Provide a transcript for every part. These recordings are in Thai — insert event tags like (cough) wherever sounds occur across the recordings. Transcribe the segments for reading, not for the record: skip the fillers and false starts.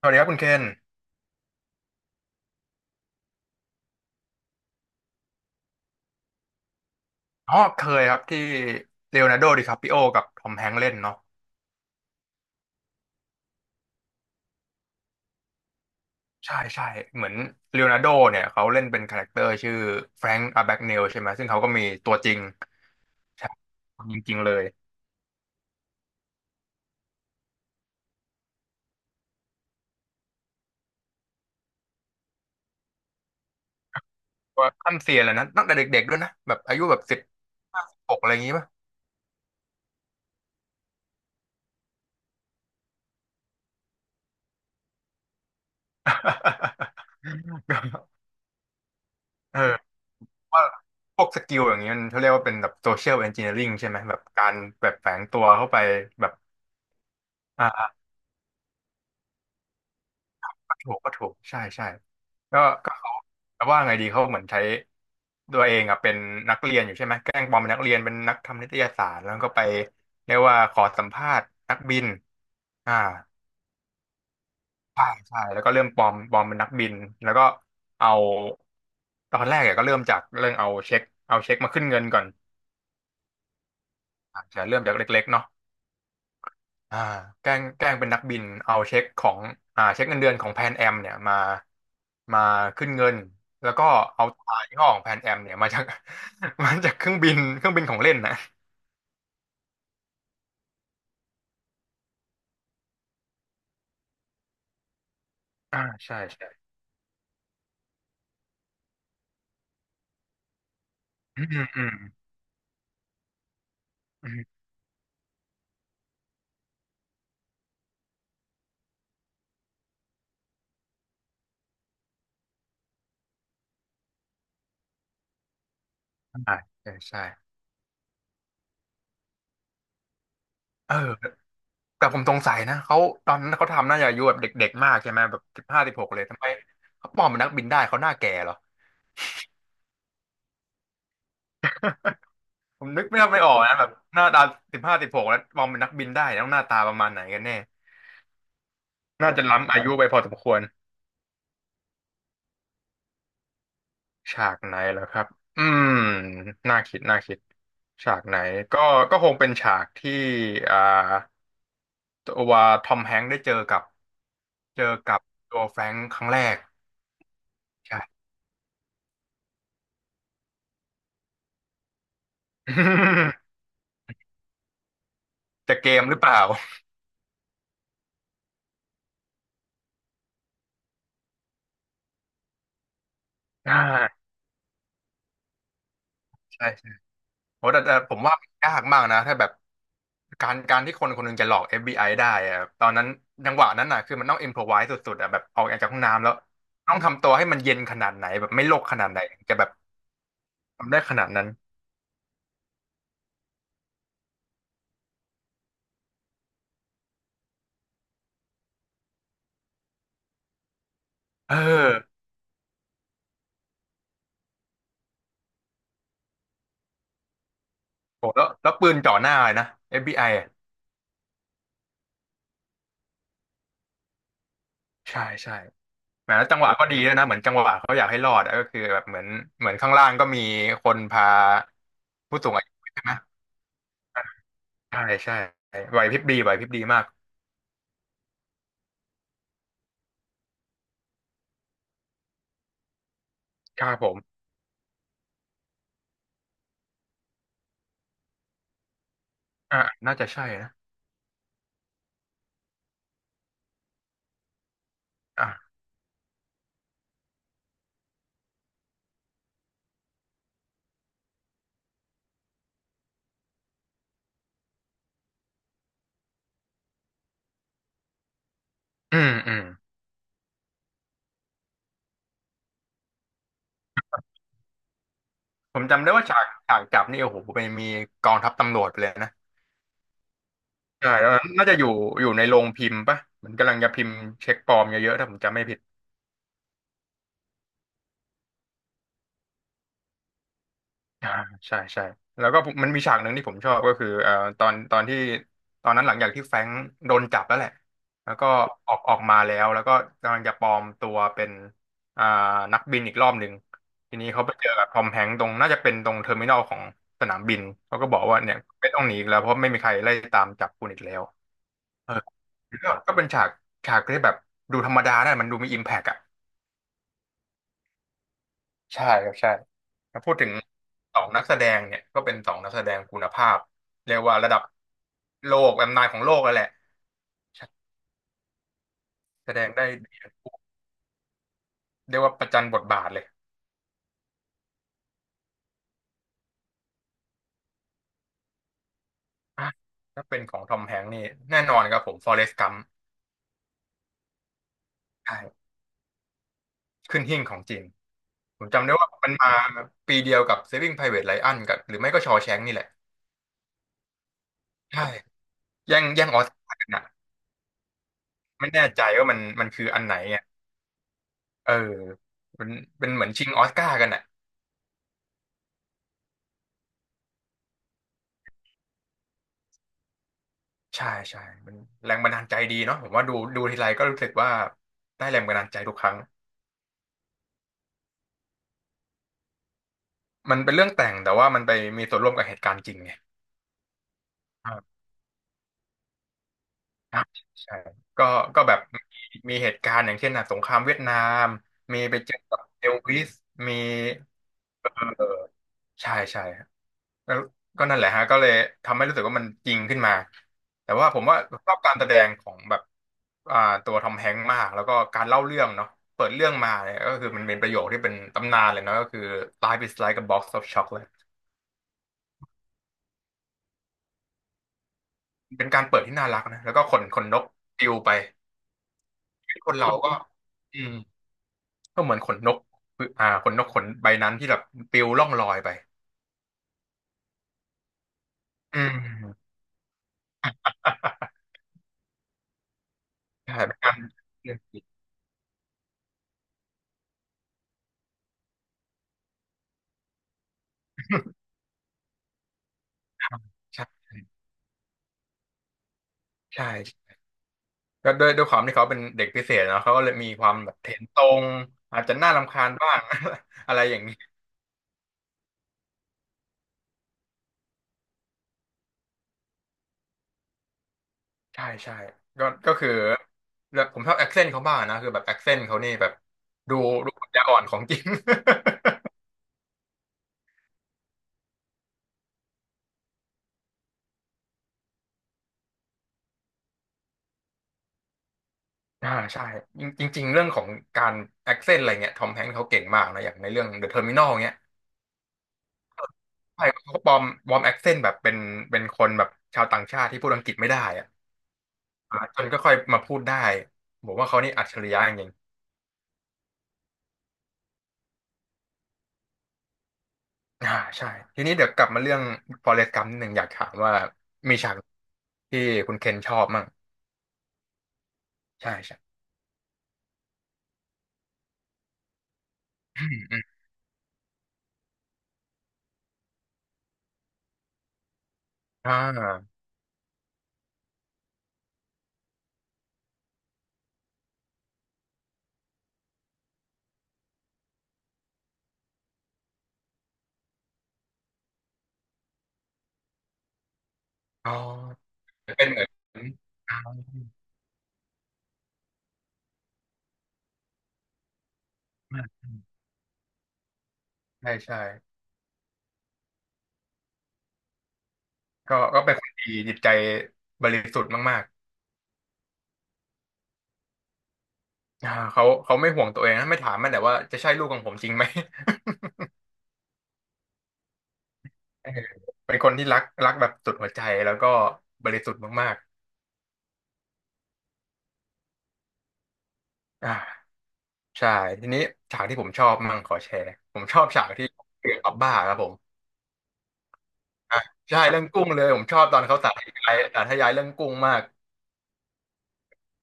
สวัสดีครับคุณเคนอ๋อเคยครับที่เลโอนาร์โดดิคาปิโอกับทอมแฮงค์เล่นเนาะใช่ใช่เหมือนเลโอนาร์โดเนี่ยเขาเล่นเป็นคาแรคเตอร์ชื่อแฟรงค์อาแบ็กเนลใช่ไหมซึ่งเขาก็มีตัวจริงใช่คนจริงๆเลยต่ขั้นเซียนเลยนะตั้งแต่เด็กๆด้วยนะแบบอายุแบบสิบห้าสิบหกอะไรอย่างงี้ป่ะ (laughs) เออว่าพวกสกิลอย่างเงี้ยมันเขาเรียกว่าเป็นแบบโซเชียล e n อนจิเนียริงใช่ไหมแบบการแบบแฝงตัวเข้าไปแบบ ถูกก็ถูกใช่ใช่ก็ก็เขาแต่ว่าไงดีเขาเหมือนใช้ตัวเองอ่ะเป็นนักเรียนอยู่ใช่ไหมแกล้งปลอมเป็นนักเรียนเป็นนักทำนิตยสารแล้วก็ไปเรียกว่าขอสัมภาษณ์นักบินอ่าใช่ใช่แล้วก็เริ่มปลอมเป็นนักบินแล้วก็เอาตอนแรกอะก็เริ่มจากเรื่องเอาเช็คเอาเช็คมาขึ้นเงินก่อนอาจจะเริ่มจากเล็กๆเนาะ อ่าแกล้งเป็นนักบินเอาเช็คของอ่าเช็คเงินเดือนของแพนแอมเนี่ยมามาขึ้นเงินแล้วก็เอาตรายี่ห้อของแพนแอมเนี่ยมาจาก (laughs) มาจากเครื่องบินของเล่นนะอ่าใช่ใช่อืมอืมอืมอ่าใช่ใช่เออแต่ผมสงสัยนะเขาตอนนั้นเขาทำน่าจะอายุแบบเด็กๆมากใช่ไหมแบบสิบห้าสิบหกเลยทำไมเขาปลอมเป็นนักบินได้เขาหน้าแก่เหรอ (laughs) ผมนึกไม่ออกนะแบบหน้าตาสิบห้าสิบหกแล้วมองเป็นนักบินได้ต้องหน้าตาประมาณไหนกันแน่ น่าจะล้ำอายุไปพอสมควรฉากไหนเหรอครับ อืม น่าคิดน่าคิดฉากไหนก็ก็คงเป็นฉากที่อ่าตัวทอมแฮงค์ได้เจอกับเจอกับตัวแฟรงค์ครั้งแรกใช่ (laughs) จะเกมหรือเปล่าอ่าใช่ใช่โหแต่แต่ผมว่ามันยากมากนะถ้าแบบการที่คนคนหนึงจะหลอก FBI ไอได้อะตอนนั้นจังหวะนั้นน่ะคือมันต้องอิมพรไวสสุดๆอะแบบออกจากห้องน้ำแล้วต้องทำตัวให้มันเย็นขนาดไหนแบบไม่โลกขนาดไหนถึงจะแบบ ทำได้ขนาดนั้นเออโหแล้วแล้วปืนจ่อหน้าเลยนะ FBI อฟบีไออะใช่ใช่แหมแล้วจังหวะก็ดีด้วยนะเหมือนจังหวะเขาอยากให้รอดอะก็คือแบบเหมือนเหมือนข้างล่างก็มีคนพาผู้สูงอายุใช่ไหมใช่ใช่ไหวพริบดีไหวพริบดีมากครับผมอ่าน่าจะใช่นะอ่าอืมอืมผมจำได้ว่าฉากฉากจับนี่โอ้โหเป็นมีกองทัพตำรวจไปเลยนะใช่แล้วน่าจะอยู่อยู่ในโรงพิมพ์ปะเหมือนกำลังจะพิมพ์เช็คปลอมเยอะๆถ้าผมจำไม่ผิด อ่าใช่ใช่แล้วก็ผมมันมีฉากหนึ่งที่ผมชอบก็คือตอนตอนที่ตอนนั้นหลังจากที่แฟรงค์โดนจับแล้วแหละแล้วก็ออกมาแล้วแล้วก็กำลังจะปลอมตัวเป็นอ่านักบินอีกรอบหนึ่งทีนี้เขาไปเจอกับทอมแฮงค์ตรงน่าจะเป็นตรงเทอร์มินอลของสนามบินเขาก็บอกว่าเนี่ยไม่ต้องหนีอีกแล้วเพราะไม่มีใครไล่ตามจับคุณอีกแล้วเออก็เป็นฉากฉากที่แบบดูธรรมดานะมันดูมีอิมแพกอะ ใช่ครับใช่ถ้าพูดถึงสองนักแสดงเนี่ยก็เป็นสองนักแสดงคุณภาพเรียกว่าระดับโลกแบบนานของโลกแล้วแหละใช่แสดงได้ดีทั้งคู่เรียกว่าประจันบทบาทเลยอ่ะถ้าเป็นของทอมแฮงค์นี่แน่นอนครับผมฟอเรสต์กัมใช่ขึ้นหิ้งของจริงผมจำได้ว่ามันมาปีเดียวกับ Saving Private Ryan กับหรือไม่ก็ชอ s h ง n k นี่แหละใช่แย่งออสการ์กันอ่ะไม่แน่ใจว่ามันคืออันไหนอ่ะเออเป็นเป็นเหมือนชิงออสการ์กันอ่ะ ใช่ใช่มันแรงบันดาลใจดีเนาะผมว่าดูดูทีไรก็รู้สึกว่าได้แรงบันดาลใจทุกครั้งมันเป็นเรื่องแต่งแต่ว่ามันไปมีส่วนร่วมกับเหตุการณ์จริงไงครับครับใช่ก็ก็แบบมีเหตุการณ์อย่างเช่นน่ะสงครามเวียดนามมีไปเจอกับเอลวิสมีเออใช่ใช่ แล้วก็นั่นแหละฮะก็เลยทำให้รู้สึกว่ามันจริงขึ้นมาแต่ว่าผมว่าชอบการแสดงของแบบอ่าตัวทอมแฮงค์มากแล้วก็การเล่าเรื่องเนาะเปิดเรื่องมาเนี่ยก็คือมันเป็นประโยคที่เป็นตำนานเลยเนาะก็คือ Life is like a box of chocolate เป็นการเปิดที่น่ารักนะแล้วก็ขนนกปลิวไปคนเราก็อืมก็เหมือนขนนกขนนกขนใบนั้นที่แบบปลิวล่องลอยไปอืม (laughs) ใช่เป็นการ (laughs) ใช่ใช่ ก็ด้วยความที่เขาเป็นเด็กพิเศษเนาะเขาก็เลยมีความแบบเถนตรงอาจจะน่ารำคาญบ้าง (laughs) อะไรอย่างนี้ใช่ใช่ก็คือแล้วผมชอบแอคเซนต์เขาบ้างนะคือแบบแอคเซนต์เขานี่แบบดูดูปัญญาอ่อนของจริง (laughs) ใช่จริงจริงๆเรื่องของการแอคเซนต์อะไรเงี้ยทอมแฮงค์เขาเก่งมากนะอย่างในเรื่องเดอะเทอร์มินอลเงี้ยใช่เขาปลอมแอคเซนต์แบบเป็นคนแบบชาวต่างชาติที่พูดอังกฤษไม่ได้อะจนก็ค่อยมาพูดได้ผมว่าเขานี่อัจฉริยะจริง อ่าใช่ทีนี้เดี๋ยวกลับมาเรื่อง Forrest Gump นิดหนึ่งอยากถามว่ามีฉากที่คุณเคนชอบมั่งใช่ใช่อืมอืมอ่าอ๋อเป็นเหมือนอ่าใช่ใช่ก็เป็นคนดีจิตใจบริสุทธิ์มากๆเขาไม่ห่วงตัวเองนะไม่ถามมันแต่ว่าจะใช่ลูกของผมจริงไหม (laughs) เออ (laughs) เป็นคนที่รักแบบสุดหัวใจแล้วก็บริสุทธิ์มากๆใช่ทีนี้ฉากที่ผมชอบมั่งขอแชร์ผมชอบฉากที่เกี่ยวกับบ้าครับผม อ่ะใช่เรื่องกุ้งเลยผมชอบตอนเขาสาธยายเรื่องกุ้งมาก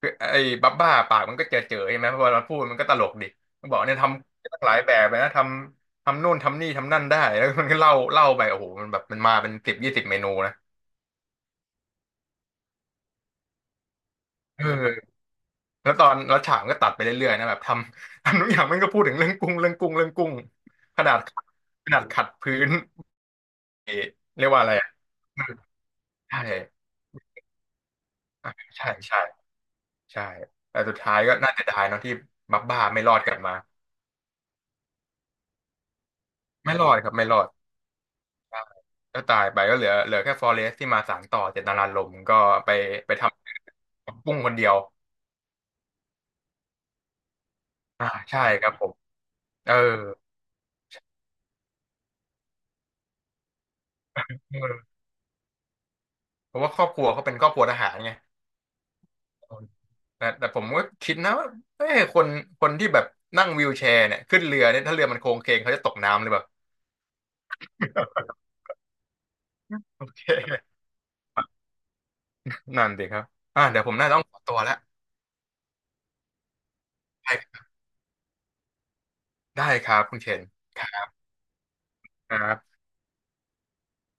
คือไอ้บับบ้าปากมันก็เจอใช่ไหมเพอเราพูดมันก็ตลกดิมันบอกเนี่ยทำตั้งหลายแบบเลยนะทำนู่นทำนี่ทำนั่นได้แล้วมันก็เล่าไปโอ้โหมันแบบมันมาเป็นสิบยี่สิบเมนูนะเออแล้วตอนแล้วฉากมันก็ตัดไปเรื่อยๆนะแบบทำ (laughs) ทำทุกอย่างมันก็พูดถึงเรื่องกุ้งเรื่องกุ้งเรื่องกุ้งขนาดขนาดขัดพื้นเรียกว่าอะไรอะใช่อ่ะใช่ใช่ใช่แต่สุดท้ายก็น่าเสียดายเนอะที่บับบ้าไม่รอดกลับมา ไม่รอดครับไม่รอดใช่ก็ตายไปก็เหลือแค่ฟอเรสที่มาสานต่อเจตนารมณ์ก็ไปไปทำปุ้งคนเดียวใช่ครับผมเออเออเพราะว่าครอบครัวเขาเป็นครอบครัวทหารไงแต่ผมก็คิดนะว่าเอ้ยคนที่แบบนั่งวีลแชร์เนี่ยขึ้นเรือเนี่ยถ้าเรือมันโค้งเคงเขาจะตกน้ำหรือเปล่า (laughs) โอเคนั่นสิครับเดี๋ยวผมน่าจะต้องขอตัวแล้วไปได้ครับคุณเชนครับ